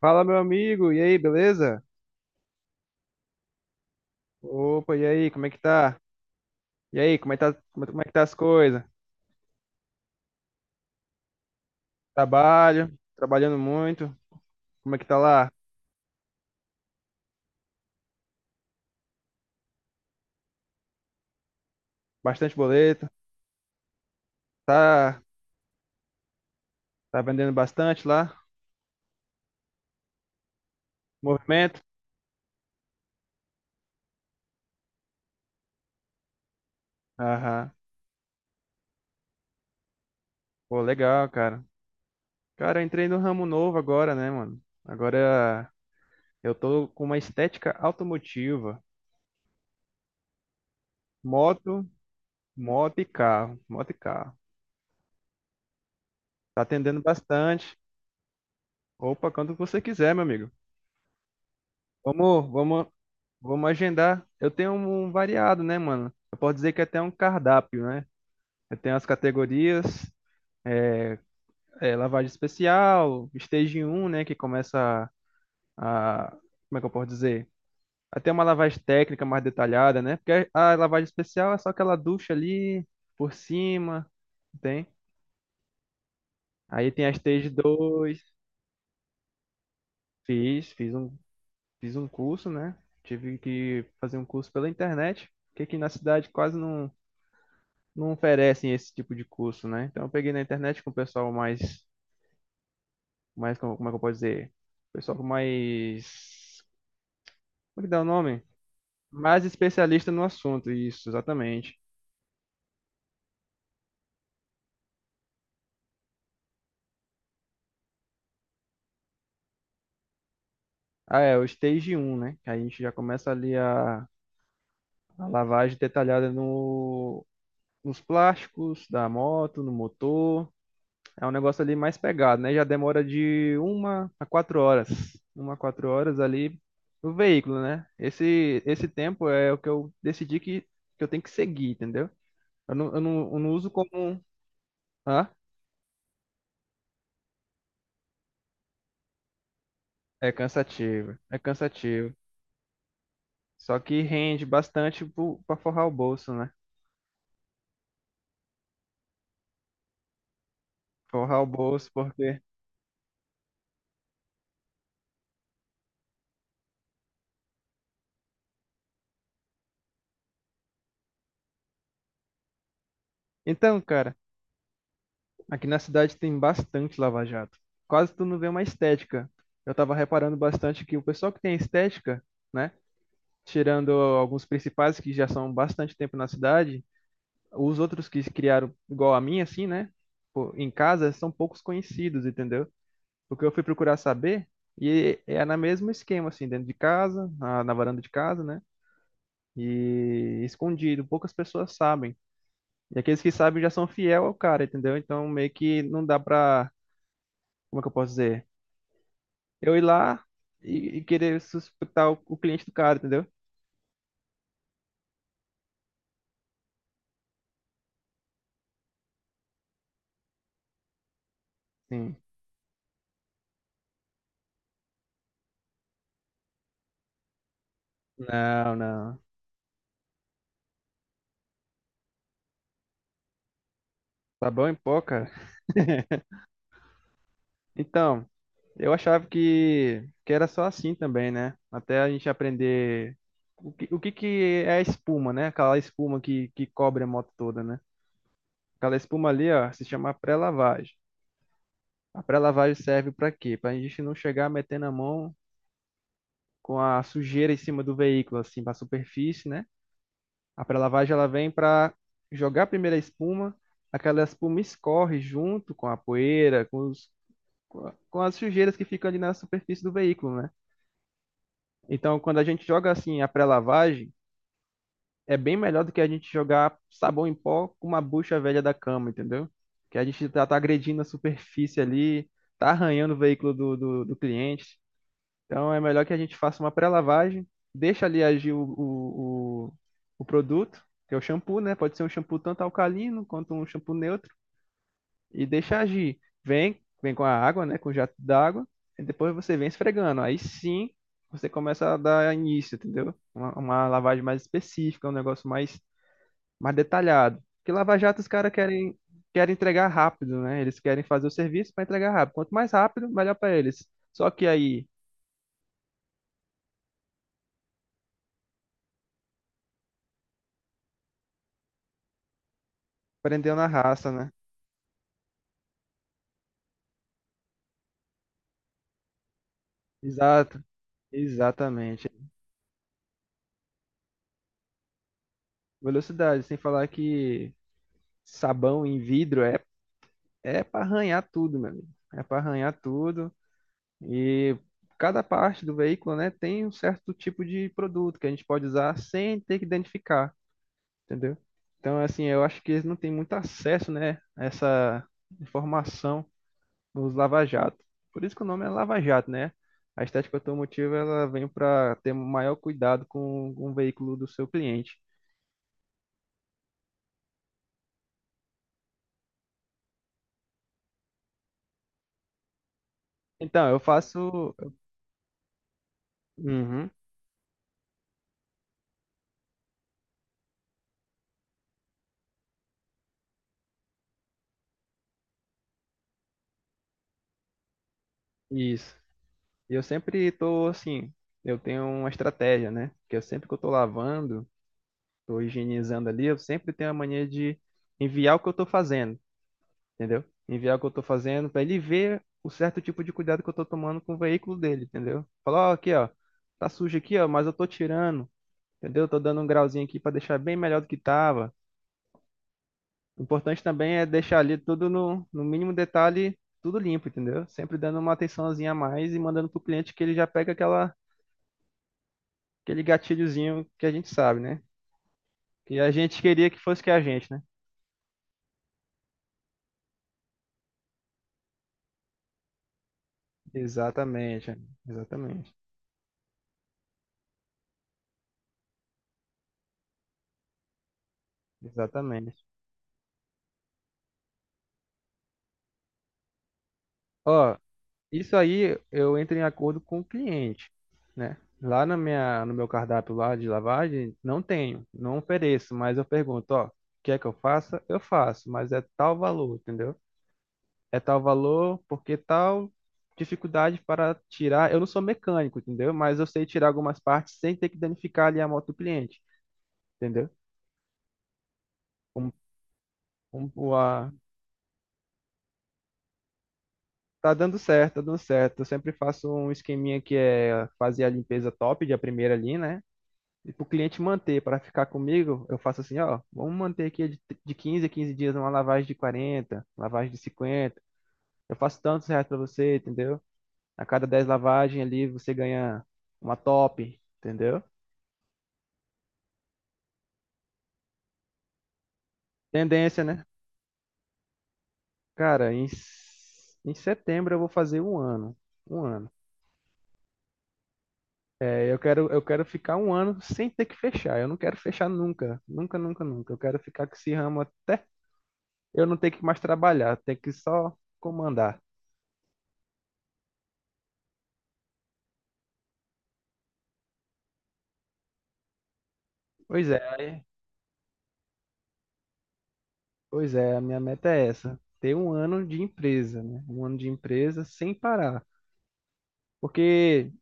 Fala, meu amigo, e aí, beleza? Opa, e aí, como é que tá? E aí, como é que tá, como é que tá as coisas? Trabalho, trabalhando muito, como é que tá lá? Bastante boleto, tá, tá vendendo bastante lá? Movimento? Aham, pô, legal, cara. Cara, eu entrei no ramo novo agora, né, mano? Agora eu tô com uma estética automotiva, moto, moto e carro, moto e carro. Tá atendendo bastante. Opa, quando você quiser, meu amigo. Vamos. Vamos agendar. Eu tenho um variado, né, mano? Eu posso dizer que é até um cardápio, né? Eu tenho as categorias, é, lavagem especial, stage um, né, que começa a, a- como é que eu posso dizer? Até uma lavagem técnica mais detalhada, né? Porque a lavagem especial é só aquela ducha ali por cima, tem? Aí tem a stage 2. fiz, fiz um, Fiz um curso, né? Tive que fazer um curso pela internet, porque aqui na cidade quase não oferecem esse tipo de curso, né? Então eu peguei na internet com o pessoal mais, como é que eu posso dizer? Pessoal mais, como é que dá o nome? Mais especialista no assunto, isso, exatamente. Ah, é, o Stage um, né? Que a gente já começa ali a lavagem detalhada no, nos plásticos da moto, no motor. É um negócio ali mais pegado, né? Já demora de uma a quatro horas. Uma a quatro horas ali no veículo, né? Esse tempo é o que eu decidi que eu tenho que seguir, entendeu? Eu não uso como. Hã? É cansativo, é cansativo. Só que rende bastante pra forrar o bolso, né? Forrar o bolso, porque. Então, cara, aqui na cidade tem bastante lava-jato. Quase tu não vê uma estética. Eu tava reparando bastante que o pessoal que tem estética, né, tirando alguns principais que já são bastante tempo na cidade, os outros que se criaram igual a mim, assim, né, pô, em casa são poucos conhecidos, entendeu? Porque eu fui procurar saber e é no mesmo esquema, assim, dentro de casa, na varanda de casa, né? E escondido, poucas pessoas sabem. E aqueles que sabem já são fiel ao cara, entendeu? Então meio que não dá pra, como é que eu posso dizer? Eu ir lá e querer suspeitar o cliente do cara, entendeu? Sim. Não, não. Tá bom em pó, cara. Então. Eu achava que era só assim também, né? Até a gente aprender o que que é a espuma, né? Aquela espuma que cobre a moto toda, né? Aquela espuma ali, ó, se chama pré-lavagem. A pré-lavagem serve para quê? Para a gente não chegar metendo a mão com a sujeira em cima do veículo, assim, para a superfície, né? A pré-lavagem ela vem para jogar primeiro a espuma, aquela espuma escorre junto com a poeira, com as sujeiras que ficam ali na superfície do veículo, né? Então, quando a gente joga assim a pré-lavagem, é bem melhor do que a gente jogar sabão em pó com uma bucha velha da cama, entendeu? Que a gente tá agredindo a superfície ali, tá arranhando o veículo do cliente. Então, é melhor que a gente faça uma pré-lavagem, deixa ali agir o produto, que é o shampoo, né? Pode ser um shampoo tanto alcalino quanto um shampoo neutro e deixa agir. Vem com a água, né? Com o jato d'água, e depois você vem esfregando. Aí sim você começa a dar início, entendeu? Uma lavagem mais específica, um negócio mais detalhado. Porque lava-jato os caras querem, querem entregar rápido, né? Eles querem fazer o serviço para entregar rápido. Quanto mais rápido, melhor para eles. Só que aí, prendeu na raça, né? Exato, exatamente. Velocidade, sem falar que sabão em vidro é para arranhar tudo, meu amigo. É para arranhar tudo. E cada parte do veículo, né, tem um certo tipo de produto que a gente pode usar sem ter que identificar, entendeu? Então, assim, eu acho que eles não têm muito acesso, né, a essa informação nos lava-jato. Por isso que o nome é lava-jato, né? A estética automotiva, ela vem para ter maior cuidado com o veículo do seu cliente. Então, eu faço... Uhum, isso. E eu sempre tô, assim, eu tenho uma estratégia, né? Que eu sempre que eu tô lavando, estou higienizando ali, eu sempre tenho a mania de enviar o que eu estou fazendo, entendeu? Enviar o que eu estou fazendo para ele ver o certo tipo de cuidado que eu estou tomando com o veículo dele, entendeu? Falar, ó, aqui, ó, tá sujo aqui, ó, mas eu estou tirando, entendeu? Estou dando um grauzinho aqui para deixar bem melhor do que tava. O importante também é deixar ali tudo no mínimo detalhe, tudo limpo, entendeu? Sempre dando uma atençãozinha a mais e mandando pro cliente que ele já pega aquele gatilhozinho que a gente sabe, né? Que a gente queria que fosse que é a gente, né? Exatamente, amigo, exatamente, exatamente. Ó, isso aí eu entro em acordo com o cliente, né? Lá na minha, no meu cardápio lá de lavagem, não tenho, não ofereço, mas eu pergunto, ó, quer que eu faça? Eu faço, mas é tal valor, entendeu? É tal valor porque tal dificuldade para tirar. Eu não sou mecânico, entendeu? Mas eu sei tirar algumas partes sem ter que danificar ali a moto do cliente, entendeu? Como, como a, Tá dando certo, tá dando certo. Eu sempre faço um esqueminha que é fazer a limpeza top de a primeira ali, né? E pro cliente manter, para ficar comigo, eu faço assim, ó, vamos manter aqui de 15 a 15 dias uma lavagem de 40, lavagem de 50. Eu faço tantos reais para você, entendeu? A cada 10 lavagens ali você ganha uma top, entendeu? Tendência, né? Cara, em setembro eu vou fazer um ano. Um ano. Eu quero ficar um ano sem ter que fechar. Eu não quero fechar nunca. Nunca, nunca, nunca. Eu quero ficar com esse ramo até eu não ter que mais trabalhar, ter que só comandar. Pois é, aí- pois é, a minha meta é essa, ter um ano de empresa, né? Um ano de empresa sem parar. Porque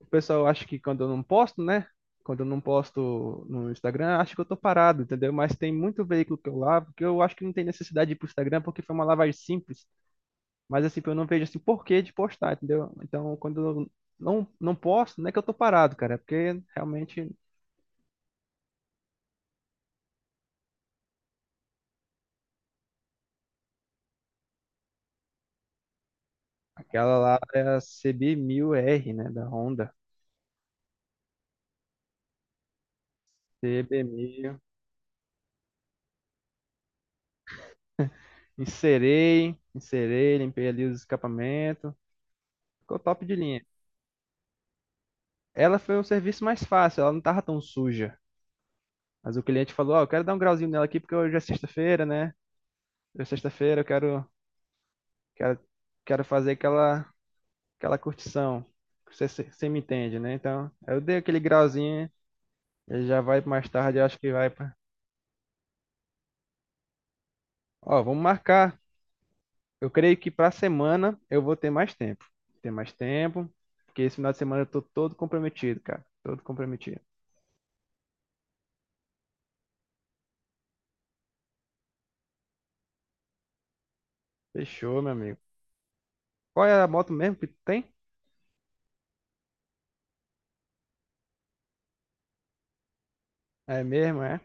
o pessoal acha que quando eu não posto, né? Quando eu não posto no Instagram, acha que eu tô parado, entendeu? Mas tem muito veículo que eu lavo que eu acho que não tem necessidade de ir pro Instagram porque foi uma lavagem simples. Mas assim, eu não vejo assim porquê de postar, entendeu? Então, quando eu não posto, não é que eu tô parado, cara, é porque realmente aquela lá é a CB1000R, né, da Honda. CB1000. Inserei, inserei, limpei ali os escapamentos. Ficou top de linha. Ela foi o serviço mais fácil, ela não tava tão suja. Mas o cliente falou, ó, eu quero dar um grauzinho nela aqui porque hoje é sexta-feira, né? Hoje é sexta-feira, eu quero, quero, quero fazer aquela, aquela curtição. Você me entende, né? Então, eu dei aquele grauzinho. Ele já vai mais tarde, eu acho que vai pra... Ó, vamos marcar. Eu creio que pra semana eu vou ter mais tempo. Ter mais tempo, porque esse final de semana eu tô todo comprometido, cara. Todo comprometido. Fechou, meu amigo. Qual é a moto mesmo que tu tem? É mesmo, é?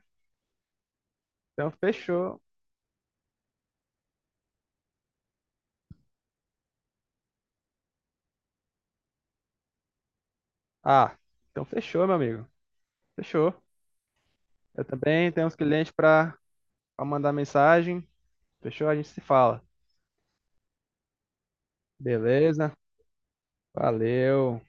Então fechou. Ah, então fechou, meu amigo. Fechou. Eu também tenho uns clientes pra pra mandar mensagem. Fechou? A gente se fala. Beleza? Valeu.